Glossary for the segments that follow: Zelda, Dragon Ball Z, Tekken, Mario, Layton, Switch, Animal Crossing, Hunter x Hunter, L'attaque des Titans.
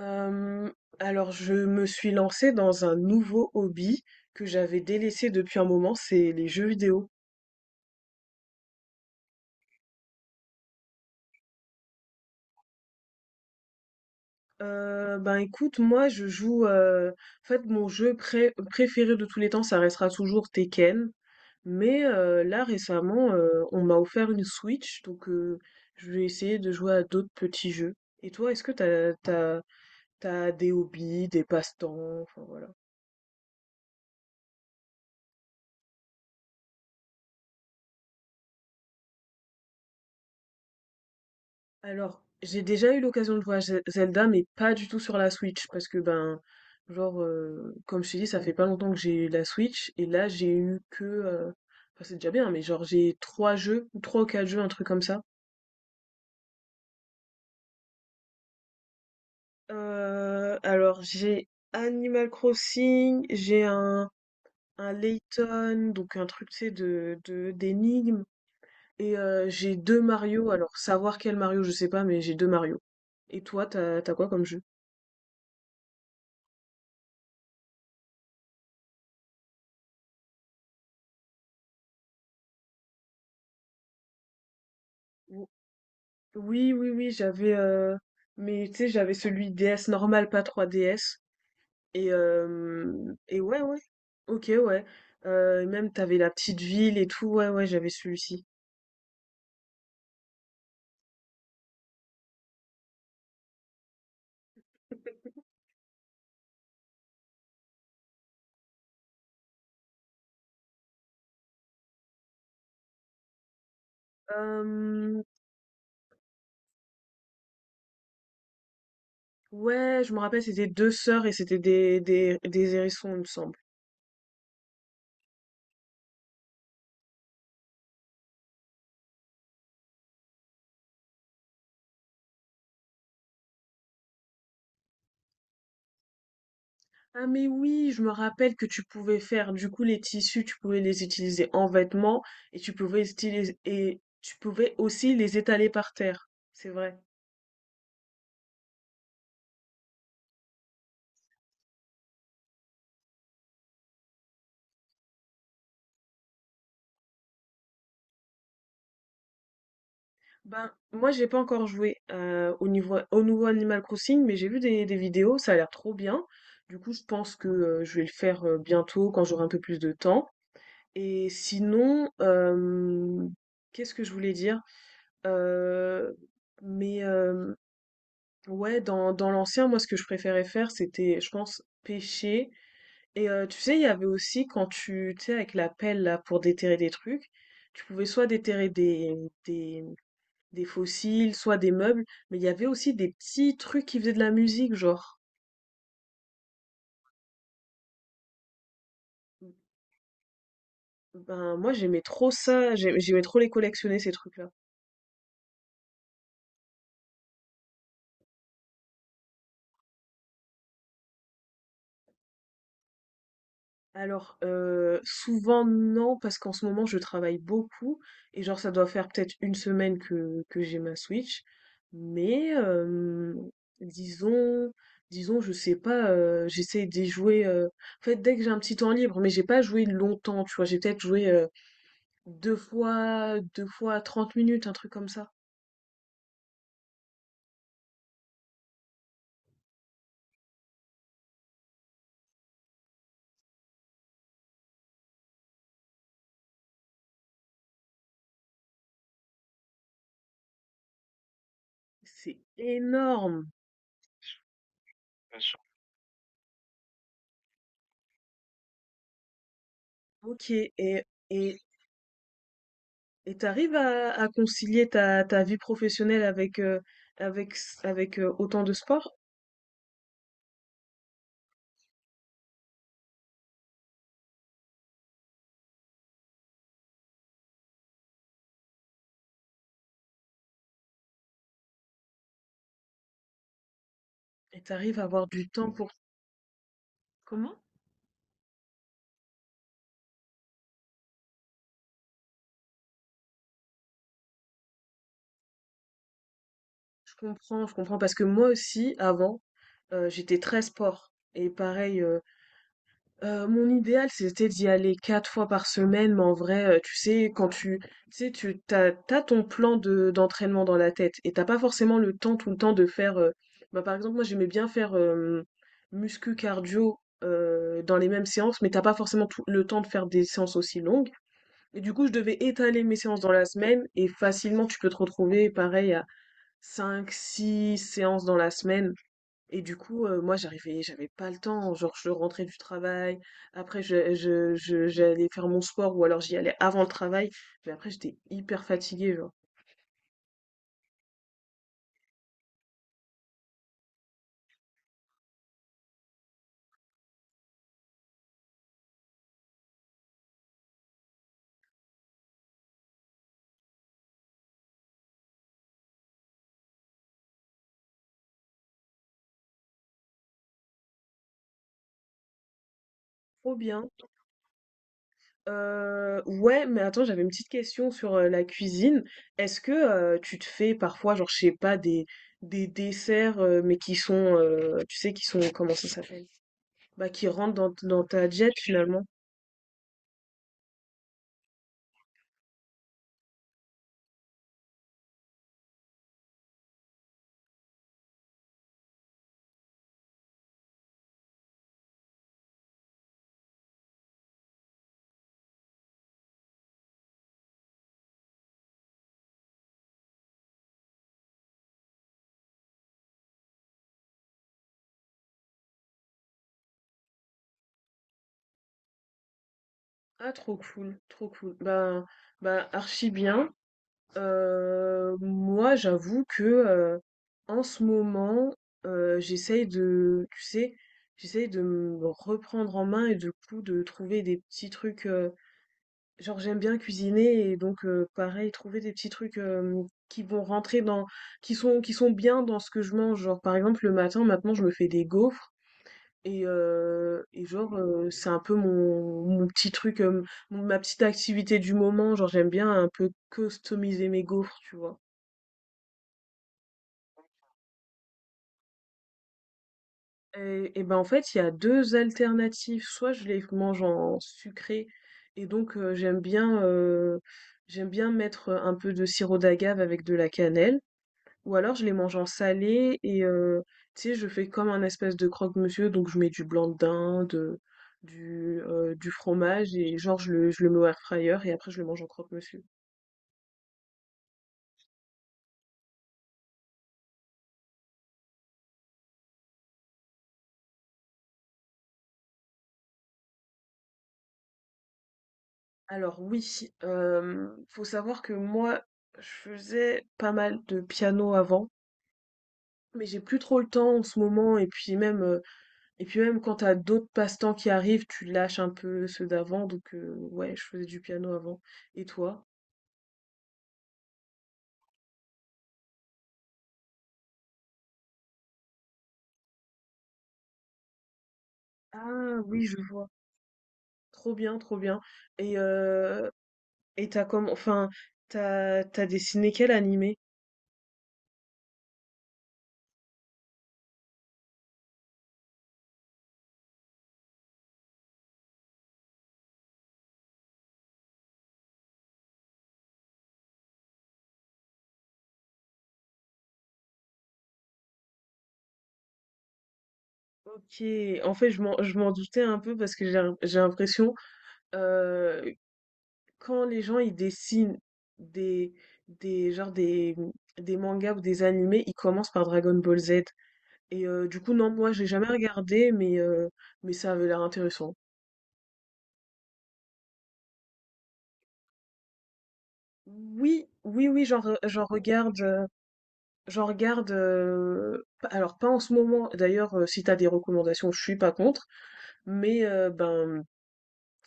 Euh, alors, je me suis lancée dans un nouveau hobby que j'avais délaissé depuis un moment, c'est les jeux vidéo. Ben écoute, moi je joue. En fait, mon jeu préféré de tous les temps, ça restera toujours Tekken. Mais là récemment, on m'a offert une Switch, donc je vais essayer de jouer à d'autres petits jeux. Et toi, est-ce que t'as des hobbies, des passe-temps, enfin, voilà. Alors, j'ai déjà eu l'occasion de jouer à Zelda, mais pas du tout sur la Switch, parce que ben, genre, comme je t'ai dit, ça fait pas longtemps que j'ai eu la Switch, et là j'ai eu que, enfin c'est déjà bien, mais genre j'ai trois jeux, ou trois ou quatre jeux, un truc comme ça. Alors j'ai Animal Crossing, j'ai un Layton, donc un truc tu sais de d'énigmes, et j'ai deux Mario. Alors savoir quel Mario, je sais pas, mais j'ai deux Mario. Et toi, t'as quoi comme jeu? Oui, oui, oui, j'avais, mais tu sais, j'avais celui DS normal, pas 3DS. Et ouais, ouais. Ok, ouais. Et même, t'avais la petite ville et tout. Ouais, ouais, j'avais celui-ci. Euh, ouais, je me rappelle, c'était deux sœurs et c'était des hérissons, il me semble. Ah, mais oui, je me rappelle que tu pouvais faire, du coup, les tissus, tu pouvais les utiliser en vêtements et et tu pouvais aussi les étaler par terre. C'est vrai. Ben, moi, j'ai pas encore joué au nouveau Animal Crossing, mais j'ai vu des vidéos, ça a l'air trop bien. Du coup, je pense que je vais le faire bientôt quand j'aurai un peu plus de temps. Et sinon, qu'est-ce que je voulais dire? Euh, mais ouais, dans l'ancien, moi, ce que je préférais faire, c'était, je pense, pêcher. Et tu sais, il y avait aussi quand tu sais, avec la pelle là pour déterrer des trucs, tu pouvais soit déterrer des fossiles, soit des meubles, mais il y avait aussi des petits trucs qui faisaient de la musique, genre. Ben, moi, j'aimais trop ça, j'aimais trop les collectionner, ces trucs-là. Alors, souvent, non, parce qu'en ce moment, je travaille beaucoup, et genre, ça doit faire peut-être une semaine que j'ai ma Switch, mais, disons, disons, je sais pas, j'essaie d'y jouer, en fait, dès que j'ai un petit temps libre, mais j'ai pas joué longtemps, tu vois, j'ai peut-être joué deux fois 30 minutes, un truc comme ça. C'est énorme! OK et et t'arrives à concilier ta vie professionnelle avec, autant de sport? Et t'arrives à avoir du temps pour. Comment? Je comprends parce que moi aussi avant, j'étais très sport et pareil, mon idéal, c'était d'y aller 4 fois par semaine, mais en vrai, tu sais, quand tu sais, tu tu as tu ton plan de d'entraînement dans la tête et t'as pas forcément le temps tout le temps de faire, bah, par exemple, moi, j'aimais bien faire, muscu, cardio, dans les mêmes séances, mais t'as pas forcément tout le temps de faire des séances aussi longues et du coup, je devais étaler mes séances dans la semaine et facilement, tu peux te retrouver pareil à cinq, six séances dans la semaine. Et du coup, moi j'avais pas le temps, genre je rentrais du travail, après je j'allais faire mon sport ou alors j'y allais avant le travail, mais après j'étais hyper fatiguée, genre. Trop bien. Ouais, mais attends, j'avais une petite question sur, la cuisine. Est-ce que, tu te fais parfois, genre, je sais pas, des desserts, mais qui sont, tu sais, qui sont comment ça s'appelle? Bah, qui rentre dans ta jet finalement. Ah, trop cool, trop cool. Bah, archi bien. Moi, j'avoue que en ce moment, euh, j'essaye de, tu sais, j'essaye de me reprendre en main et du coup de trouver des petits trucs. Genre, j'aime bien cuisiner et donc pareil, trouver des petits trucs qui vont rentrer dans, qui sont bien dans ce que je mange. Genre, par exemple, le matin, maintenant, je me fais des gaufres. Et genre, c'est un peu mon petit truc, mon ma petite activité du moment. Genre, j'aime bien un peu customiser mes gaufres, tu vois? Et ben, en fait, il y a 2 alternatives. Soit je les mange en sucré et donc j'aime bien mettre, un peu de sirop d'agave avec de la cannelle. Ou alors je les mange en salé et tu sais, je fais comme un espèce de croque-monsieur, donc je mets du blanc de dinde, du fromage et genre je le mets au airfryer et après je le mange en croque-monsieur. Alors oui, faut savoir que moi, je faisais pas mal de piano avant, mais j'ai plus trop le temps en ce moment et puis même quand t'as d'autres passe-temps qui arrivent, tu lâches un peu ceux d'avant donc ouais, je faisais du piano avant. Et toi? Ah oui, je vois. Trop bien, trop bien. Et heu et enfin, t'as dessiné quel animé? OK, en fait, je m'en doutais un peu parce que j'ai l'impression, heu, quand les gens, ils dessinent des des genre des mangas ou des animés, ils commencent par Dragon Ball Z et du coup, non, moi, j'ai jamais regardé mais mais ça avait l'air intéressant. Oui, oui, oui, j'en regarde. J'en regarde, p alors pas en ce moment, d'ailleurs, si t'as des recommandations, je suis pas contre, mais ben,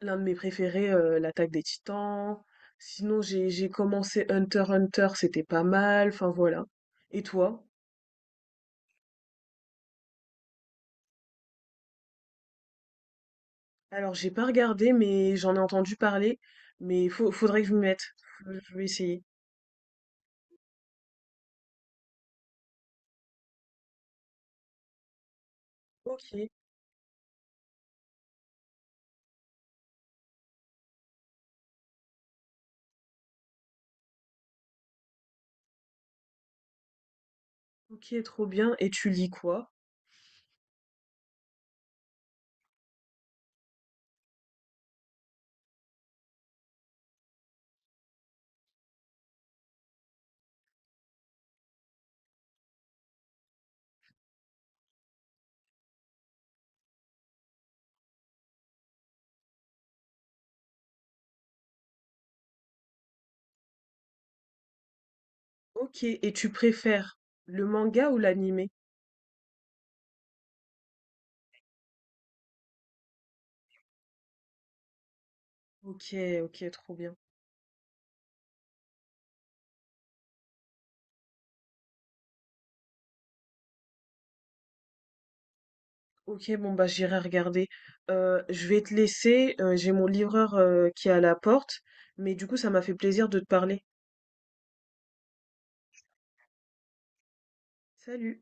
l'un de mes préférés, L'attaque des Titans. Sinon j'ai commencé Hunter x Hunter, c'était pas mal, enfin voilà. Et toi? Alors j'ai pas regardé, mais j'en ai entendu parler, mais faut faudrait que je m'y mette. Faut, je vais essayer. OK, OK, trop bien et tu lis quoi? OK et tu préfères le manga ou l'animé? OK, OK, trop bien. Ok, bon bah j'irai regarder. Je vais te laisser, j'ai mon livreur qui est à la porte, mais du coup ça m'a fait plaisir de te parler. Salut.